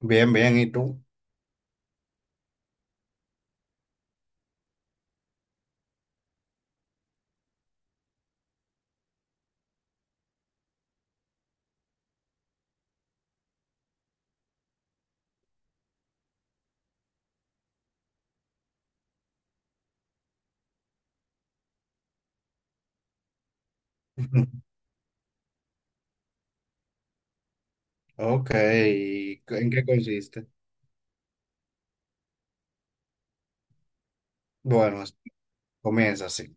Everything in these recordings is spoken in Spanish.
Bien, bien, ¿y tú? Ok. ¿En qué consiste? Bueno, comienza así.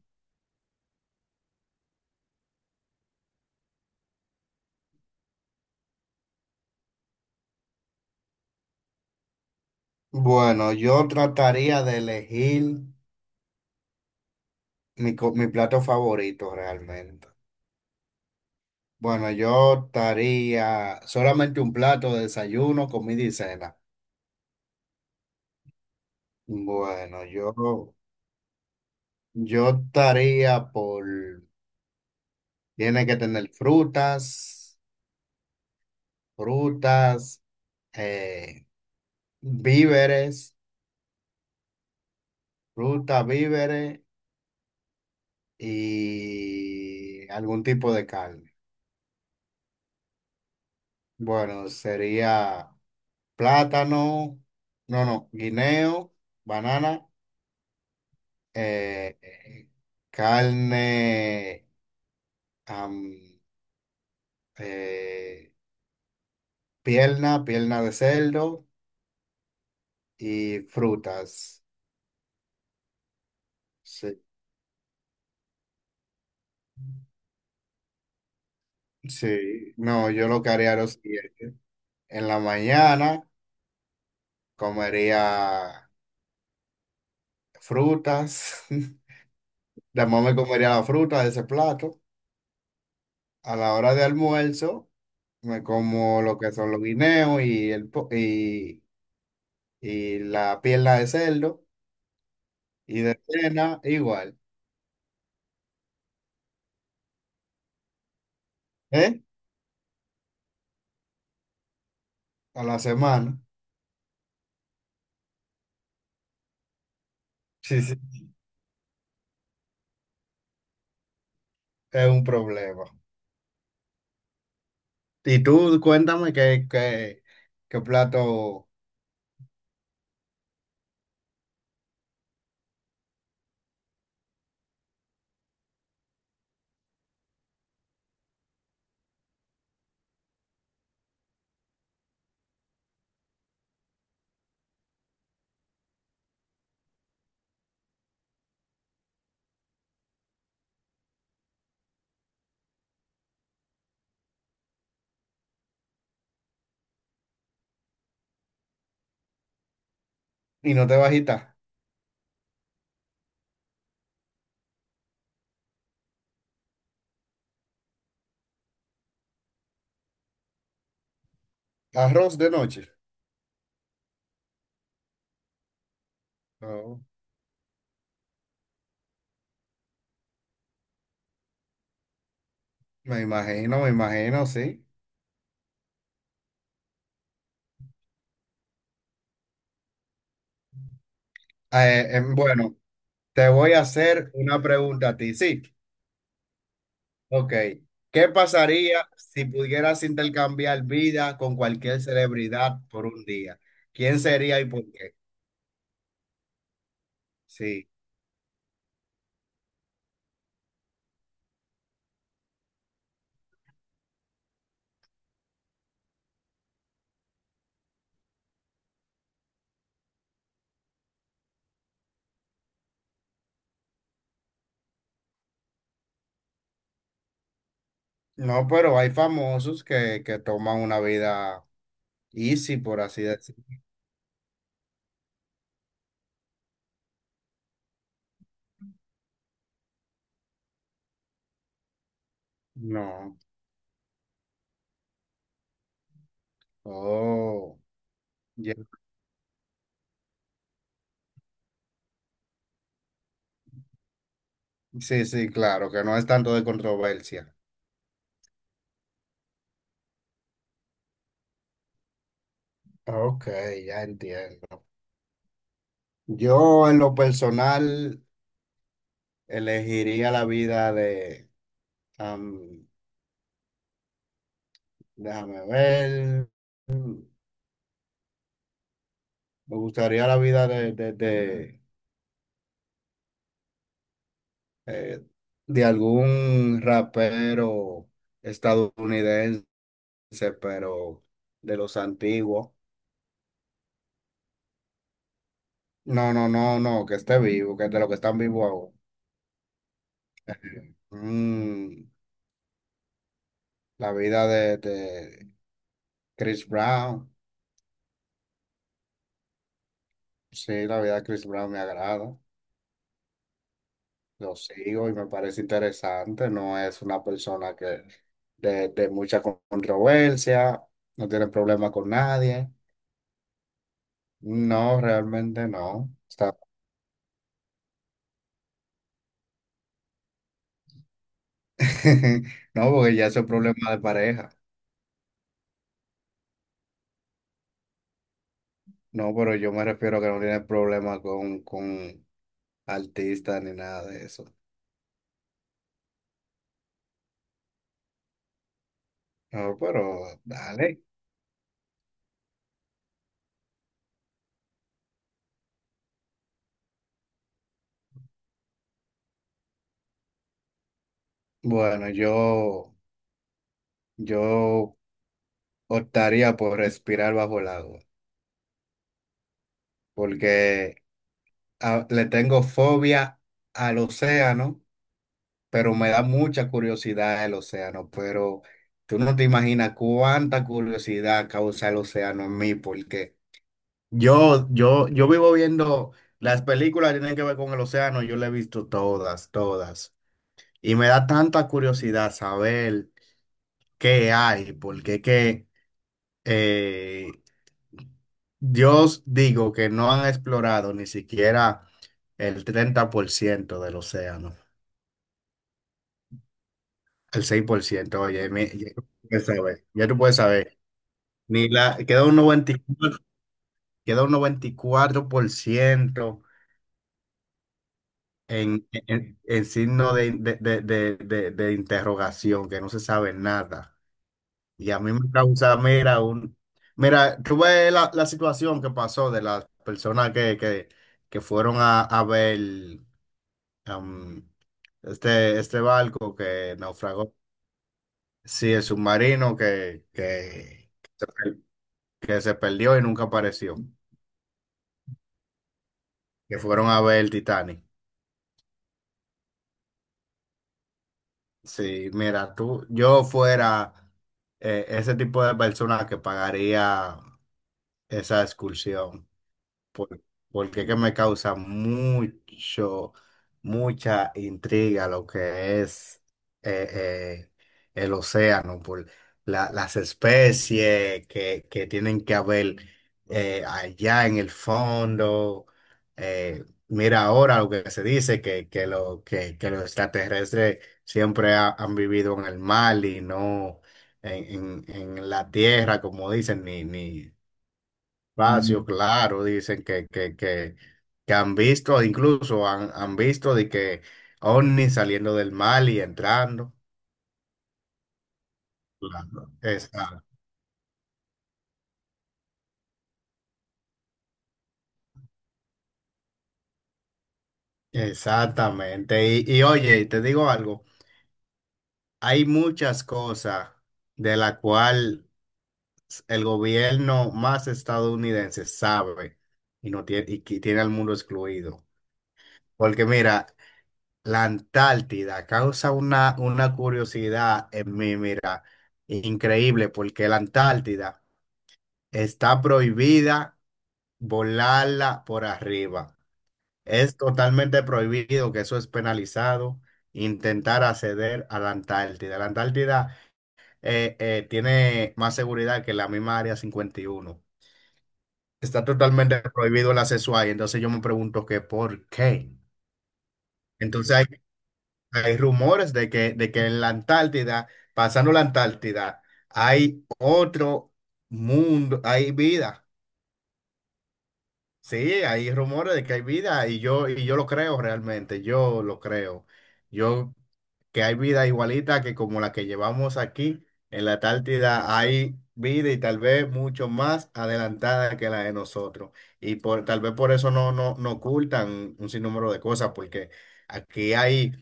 Bueno, yo trataría de elegir mi plato favorito realmente. Bueno, yo estaría solamente un plato de desayuno, comida y cena. Bueno, yo estaría por, tiene que tener frutas, frutas, eh, víveres, frutas, víveres. Y algún tipo de carne. Bueno, sería plátano, no, no, guineo, banana, eh, eh, carne, am, eh, pierna de cerdo y frutas. Sí, sí, no, yo lo que haría es lo siguiente. En la mañana comería frutas, después me comería la fruta de ese plato. A la hora de almuerzo, me como lo que son los guineos y la pierna de cerdo. Y de cena, igual. ¿Eh? A la semana. Sí, sí, es un problema. Y tú, cuéntame qué plato. Y no te bajita. Arroz de noche. Oh, me imagino, sí. Bueno, te voy a hacer una pregunta a ti, sí. Ok. ¿Qué pasaría si pudieras intercambiar vida con cualquier celebridad por un día? ¿Quién sería y por qué? Sí. No, pero hay famosos que toman una vida easy, por así decirlo. No. Oh. Ya. Sí, sí, claro, que no es tanto de controversia. Ok, ya entiendo. Yo en lo personal elegiría la vida de, am, déjame ver. Me gustaría la vida de, eh, de algún rapero estadounidense, pero de los antiguos. No, no, no, no, que esté vivo, que de los que están vivos ahora. Mm, la vida de Chris Brown. Sí, la vida de Chris Brown me agrada. Lo sigo y me parece interesante. No es una persona que de mucha controversia, no tiene problema con nadie. No, realmente no. No, porque ya eso es problema de pareja. No, pero yo me refiero a que no tiene problema con, artistas ni nada de eso. No, pero dale. Bueno, yo optaría por respirar bajo el agua, porque le tengo fobia al océano, pero me da mucha curiosidad el océano, pero tú no te imaginas cuánta curiosidad causa el océano en mí, porque... Yo vivo viendo las películas que tienen que ver con el océano, yo las he visto todas, todas. Y me da tanta curiosidad saber qué hay, porque es que eh, Dios digo que no han explorado ni siquiera el 30% del océano, el 6%, oye, mi- ya tú puedes saber, ya tú puedes saber. Ni la, queda un 90, queda un 94% en, en signo de interrogación, que no se sabe nada. Y a mí me causa, mira, tuve la situación que pasó de las personas que fueron a ver am, este barco que naufragó. Sí, el submarino que se perdió y nunca apareció, que fueron a ver el Titanic. Sí, mira, tú, yo fuera ese tipo de persona que pagaría esa excursión por- porque es que me causa mucho, mucha intriga lo que es eh, eh, el océano, por las especies que tienen que haber allá en el fondo. Eh, mira ahora lo que se dice, que los extraterrestres siempre han vivido en el mar y no en la tierra, como dicen, ni, ni... Espacio, claro, dicen que han visto, incluso han visto de que ovnis saliendo del mar y entrando. Claro. Exactamente. Y oye, te digo algo, hay muchas cosas de la cual el gobierno más estadounidense sabe y no tiene, y que tiene al mundo excluido. Porque mira, la Antártida causa una curiosidad en mí, mira, increíble, porque la Antártida está prohibida volarla por arriba. Es totalmente prohibido, que eso es penalizado, intentar acceder a la Antártida. La Antártida tiene más seguridad que la misma Área 51. Está totalmente prohibido el acceso ahí, entonces yo me pregunto que por qué. Entonces hay rumores de que en la Antártida, pasando la Antártida, hay otro mundo, hay vida. Sí, hay rumores de que hay vida y yo lo creo realmente, yo lo creo. Yo que hay vida igualita que como la que llevamos aquí en la Antártida, hay vida y tal vez mucho más adelantada que la de nosotros. Y por, tal vez por eso no, no, no ocultan un sinnúmero de cosas, porque aquí hay...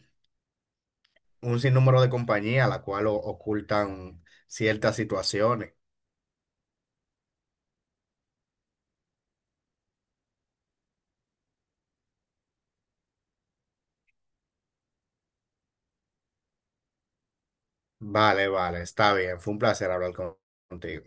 un sinnúmero de compañías a la cual ocultan ciertas situaciones. Vale, vale, está bien. Fue un placer hablar contigo.